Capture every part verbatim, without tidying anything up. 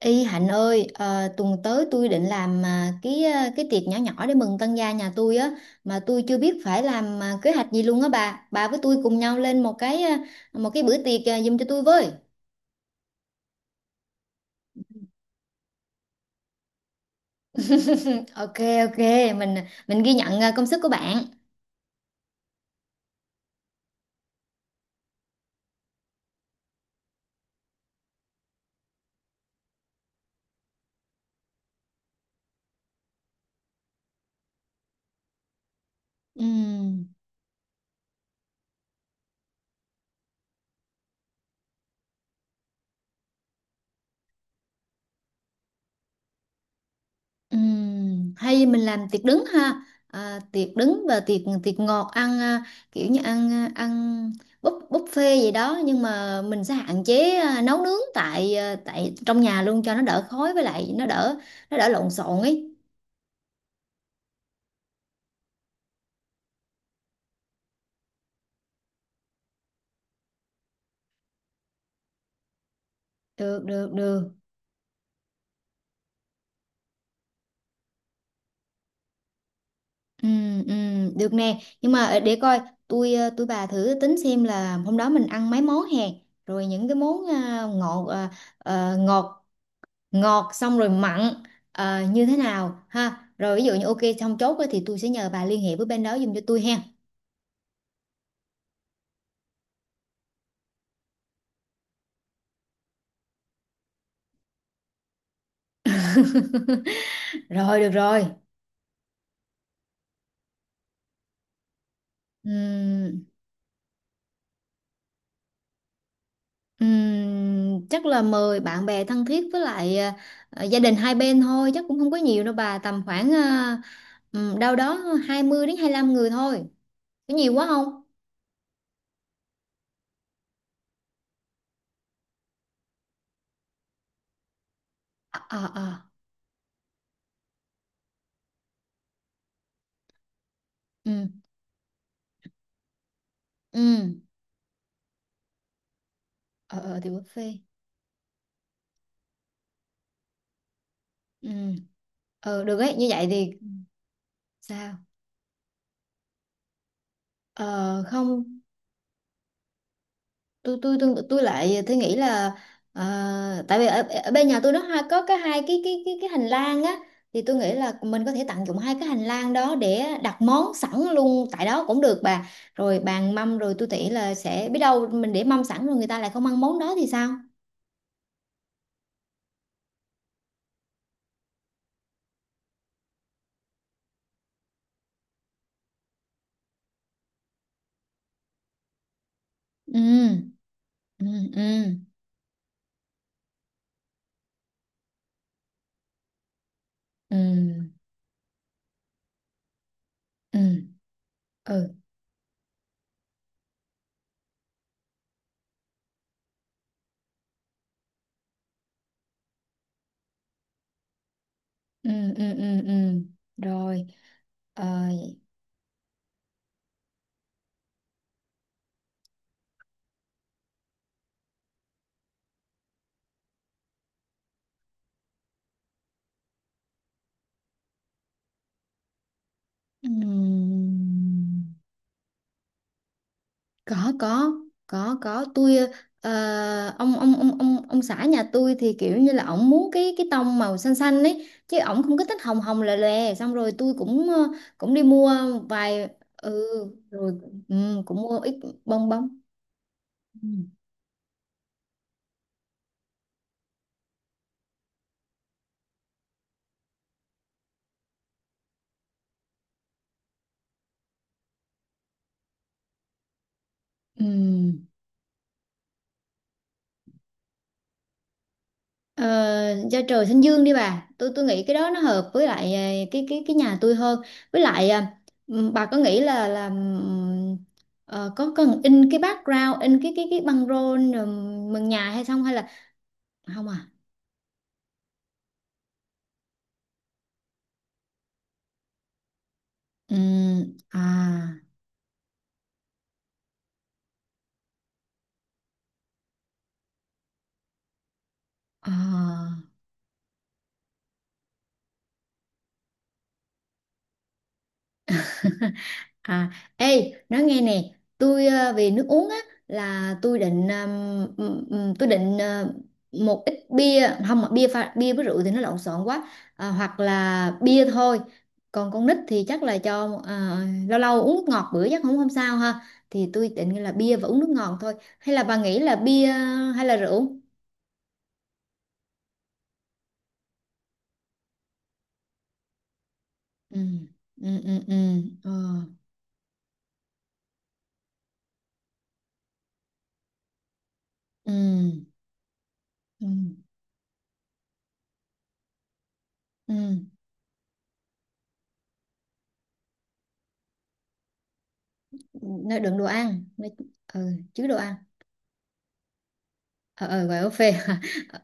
Y Hạnh ơi, ờ, tuần tới tôi định làm à, cái à, cái tiệc nhỏ nhỏ để mừng tân gia nhà tôi á, mà tôi chưa biết phải làm à, kế hoạch gì luôn á bà. Bà với tôi cùng nhau lên một cái à, một cái bữa tiệc à, giùm cho tôi với. Ok, ok, mình mình ghi nhận à, công sức của bạn. Ừ. Ừm, hay mình làm tiệc đứng ha, à, tiệc đứng và tiệc tiệc ngọt ăn, à, kiểu như ăn à, ăn búp buffet gì đó, nhưng mà mình sẽ hạn chế à, nấu nướng tại à, tại trong nhà luôn cho nó đỡ khói, với lại nó đỡ nó đỡ lộn xộn ấy. Được, được, được. Ừm, ừm, được nè, nhưng mà ờ, để coi. Tôi à, tôi bà thử tính xem là hôm đó mình ăn mấy món hè, rồi những cái món à, ngọt à, à, ngọt ngọt xong rồi mặn ờ, như thế nào ha, rồi ví dụ như ok xong chốt á thì tôi sẽ nhờ bà liên hệ với bên đó giùm cho tôi ha. Rồi được rồi. Ừm, ừm, chắc là mời bạn bè thân thiết, với lại ờ, ờ, gia đình hai bên thôi, chắc cũng không có nhiều đâu bà, tầm khoảng ờ, ừm, đâu đó hai mươi đến hai lăm người thôi, có nhiều quá không? Ờ, ờ, ờ. Ừ. Ừ. Ờ, ờ, thì buffet. Ừ. ờ được ấy, như vậy thì. Sao? ờ Không. Tôi tôi tôi tôi lại tôi nghĩ là à, tại vì ở, ở bên nhà tôi nó hai có cái hai cái cái cái cái hành lang á, thì tôi nghĩ là mình có thể tận dụng hai cái hành lang đó để đặt món sẵn luôn tại đó cũng được bà. Rồi bàn mâm, rồi tôi nghĩ là sẽ biết đâu mình để mâm sẵn rồi người ta lại không ăn món đó thì sao. Ừ, ừ, ừ, ừ, ừ, ừ, ừ, ừ, ừ, ừ. Rồi. Ờ, ừ. Có, có, có, có. Tôi ờ, ông ông ông ông ông xã nhà tôi thì kiểu như là ổng muốn cái cái tông màu xanh xanh ấy, chứ ổng không có thích hồng hồng lè lè. Xong rồi tôi cũng ờ, cũng đi mua vài. Ừ. Rồi. Ừ, cũng mua ít bông bông. Ừ. Ừ. Ờ, da trời xanh dương đi bà, tôi tôi nghĩ cái đó nó hợp với lại ờ, cái cái cái nhà tôi hơn. Với lại à, ừm, bà có nghĩ là là ừm, ờ, có cần in cái background, in cái cái cái băng rôn ừm, mừng nhà hay không, hay là không à? Ừm, à, à. À, ê, nói nghe nè, tôi ờ, về nước uống á, là tôi định ừm, ừm, ừm, tôi định ờ, một ít bia, không, mà bia pha, bia với rượu thì nó lộn xộn quá, à, hoặc là bia thôi. Còn con nít thì chắc là cho ờ, lâu lâu uống nước ngọt bữa chắc không không sao ha. Thì tôi định là bia và uống nước ngọt thôi. Hay là bà nghĩ là bia hay là rượu? Ừ, ừ, ừ, ừ, ờ, ừ, ừ, ừ. Nói đừng đồ ăn, nói, ừ, chứ đồ ăn. Ờ, ờ, gọi buffet hả? Ờ,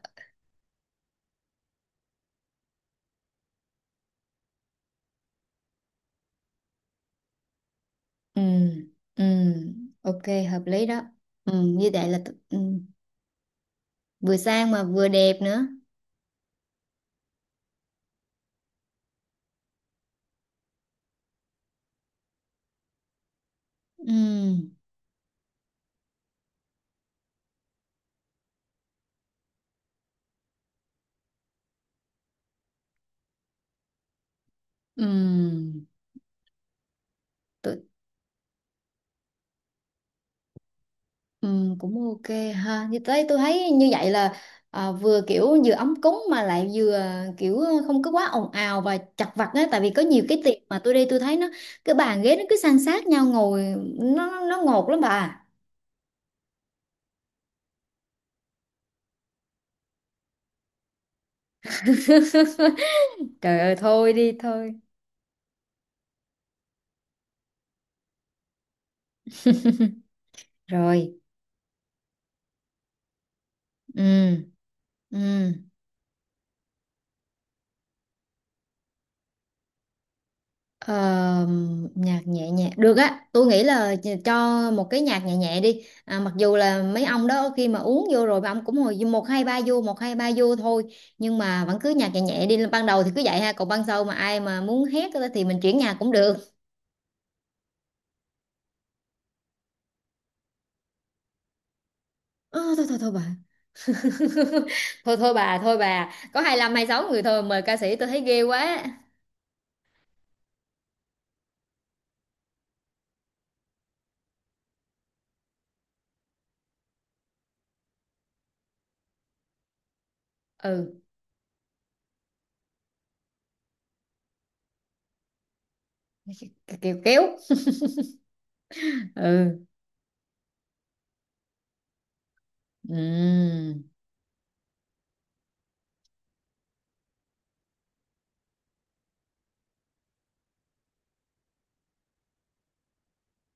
ừ, ừ, ok, hợp lý đó. Ừ, như vậy là t- ừ, vừa sang mà vừa đẹp nữa. Ừ, ừ, tôi, ừ, cũng ok ha. Như thế tôi thấy như vậy là à, vừa kiểu vừa ấm cúng mà lại vừa kiểu không có quá ồn ào và chật vật á, tại vì có nhiều cái tiệc mà tôi đi tôi thấy nó cái bàn ghế nó cứ san sát nhau ngồi, nó nó ngột lắm bà. Trời ơi, thôi đi thôi. Rồi. Ừ, ừ. Ờ, nhạc nhẹ nhẹ được á, tôi nghĩ là ch- cho một cái nhạc nhẹ nhẹ đi, à, mặc dù là mấy ông đó khi mà uống vô rồi mấy ông cũng hồi một hai ba vô, một hai ba vô thôi, nhưng mà vẫn cứ nhạc nhẹ nhẹ đi, ban đầu thì cứ vậy ha, còn ban sau mà ai mà muốn hét á thì mình chuyển nhạc cũng được. Ờ, thôi, thôi, thôi bà. Thôi, thôi bà, thôi bà có hai lăm sáu người thôi, mời ca sĩ tôi thấy ghê quá. Ừ, kiểu kéo. Ừ, ừ.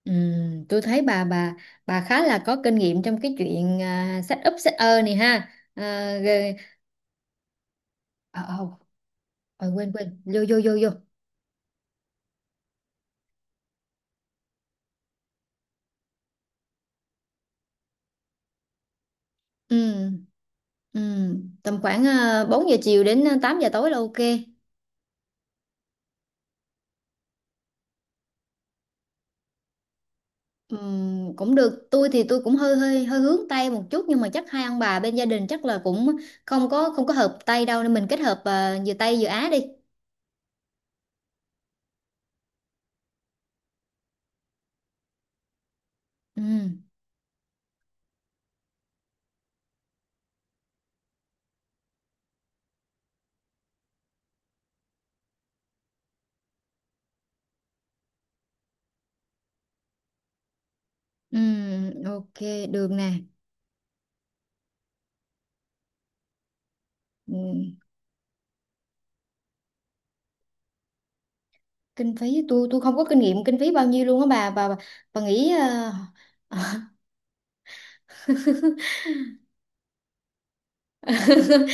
Ừm, tôi thấy bà, bà bà khá là có kinh nghiệm trong cái chuyện uh, set up, set ơ này ha. À, rồi. ờ, ờ, ờ, quên quên, vô vô vô vô. Ừm, ừm, tầm khoảng uh, bốn giờ chiều đến ờ, tám giờ tối là ok. Ừm, cũng được. Tôi thì tôi cũng hơi hơi hơi hướng Tây một chút, nhưng mà chắc hai ông bà bên gia đình chắc là cũng không có không có hợp Tây đâu, nên mình kết hợp ờ, vừa Tây vừa Á đi. Ừm, ừm, ok, được nè. Ừm. Kinh phí tôi tôi không có kinh nghiệm, kinh phí bao nhiêu luôn á bà bà bà bà nghĩ ờ,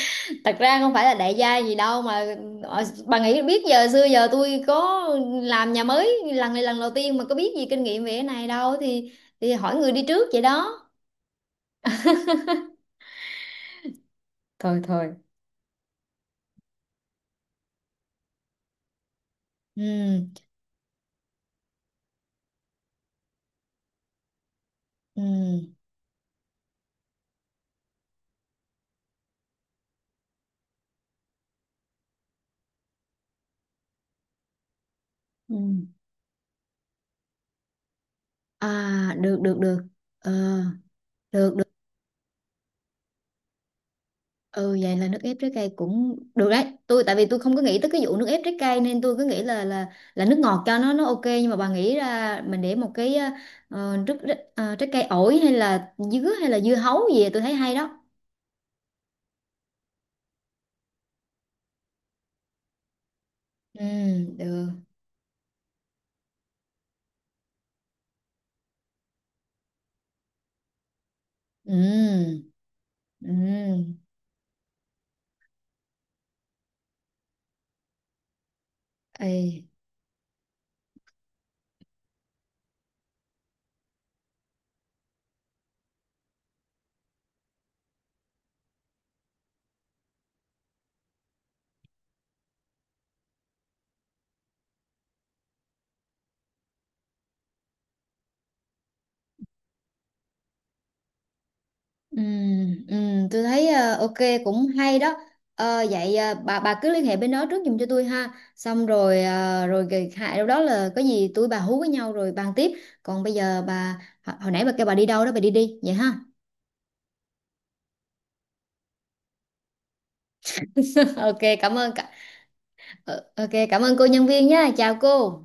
Thật ra không phải là đại gia gì đâu mà, ờ, bà nghĩ biết giờ, xưa giờ tôi có làm nhà mới lần này lần đầu tiên mà có biết gì kinh nghiệm về cái này đâu, thì thì hỏi người đi trước vậy đó. Thôi thôi. Ừ, ừ. Ừ. À, được, được, được. ờ, được. Ừ, vậy là nước ép trái cây cũng được đấy. Tôi tại vì tôi không có nghĩ tới cái vụ nước ép trái cây, nên tôi cứ nghĩ là là là nước ngọt cho nó nó ok, nhưng mà bà nghĩ ra mình để một cái ờ, nước, ờ, trái cây, ổi hay là dứa hay là dưa hấu gì, tôi thấy hay đó. Ừ, được. Ừ. Ừ. Ê. Ừ, ừ, tôi thấy ờ, ok, cũng hay đó. Ờ, vậy ờ, bà bà cứ liên hệ bên đó trước giùm cho tôi ha, xong rồi ờ, rồi kỳ hại đâu đó là có gì tôi bà hú với nhau rồi bàn tiếp. Còn bây giờ bà, hồi, hồi nãy bà kêu bà đi đâu đó, bà đi đi vậy ha. Ok cảm ơn cả, ờ, ok cảm ơn cô nhân viên nha, chào cô.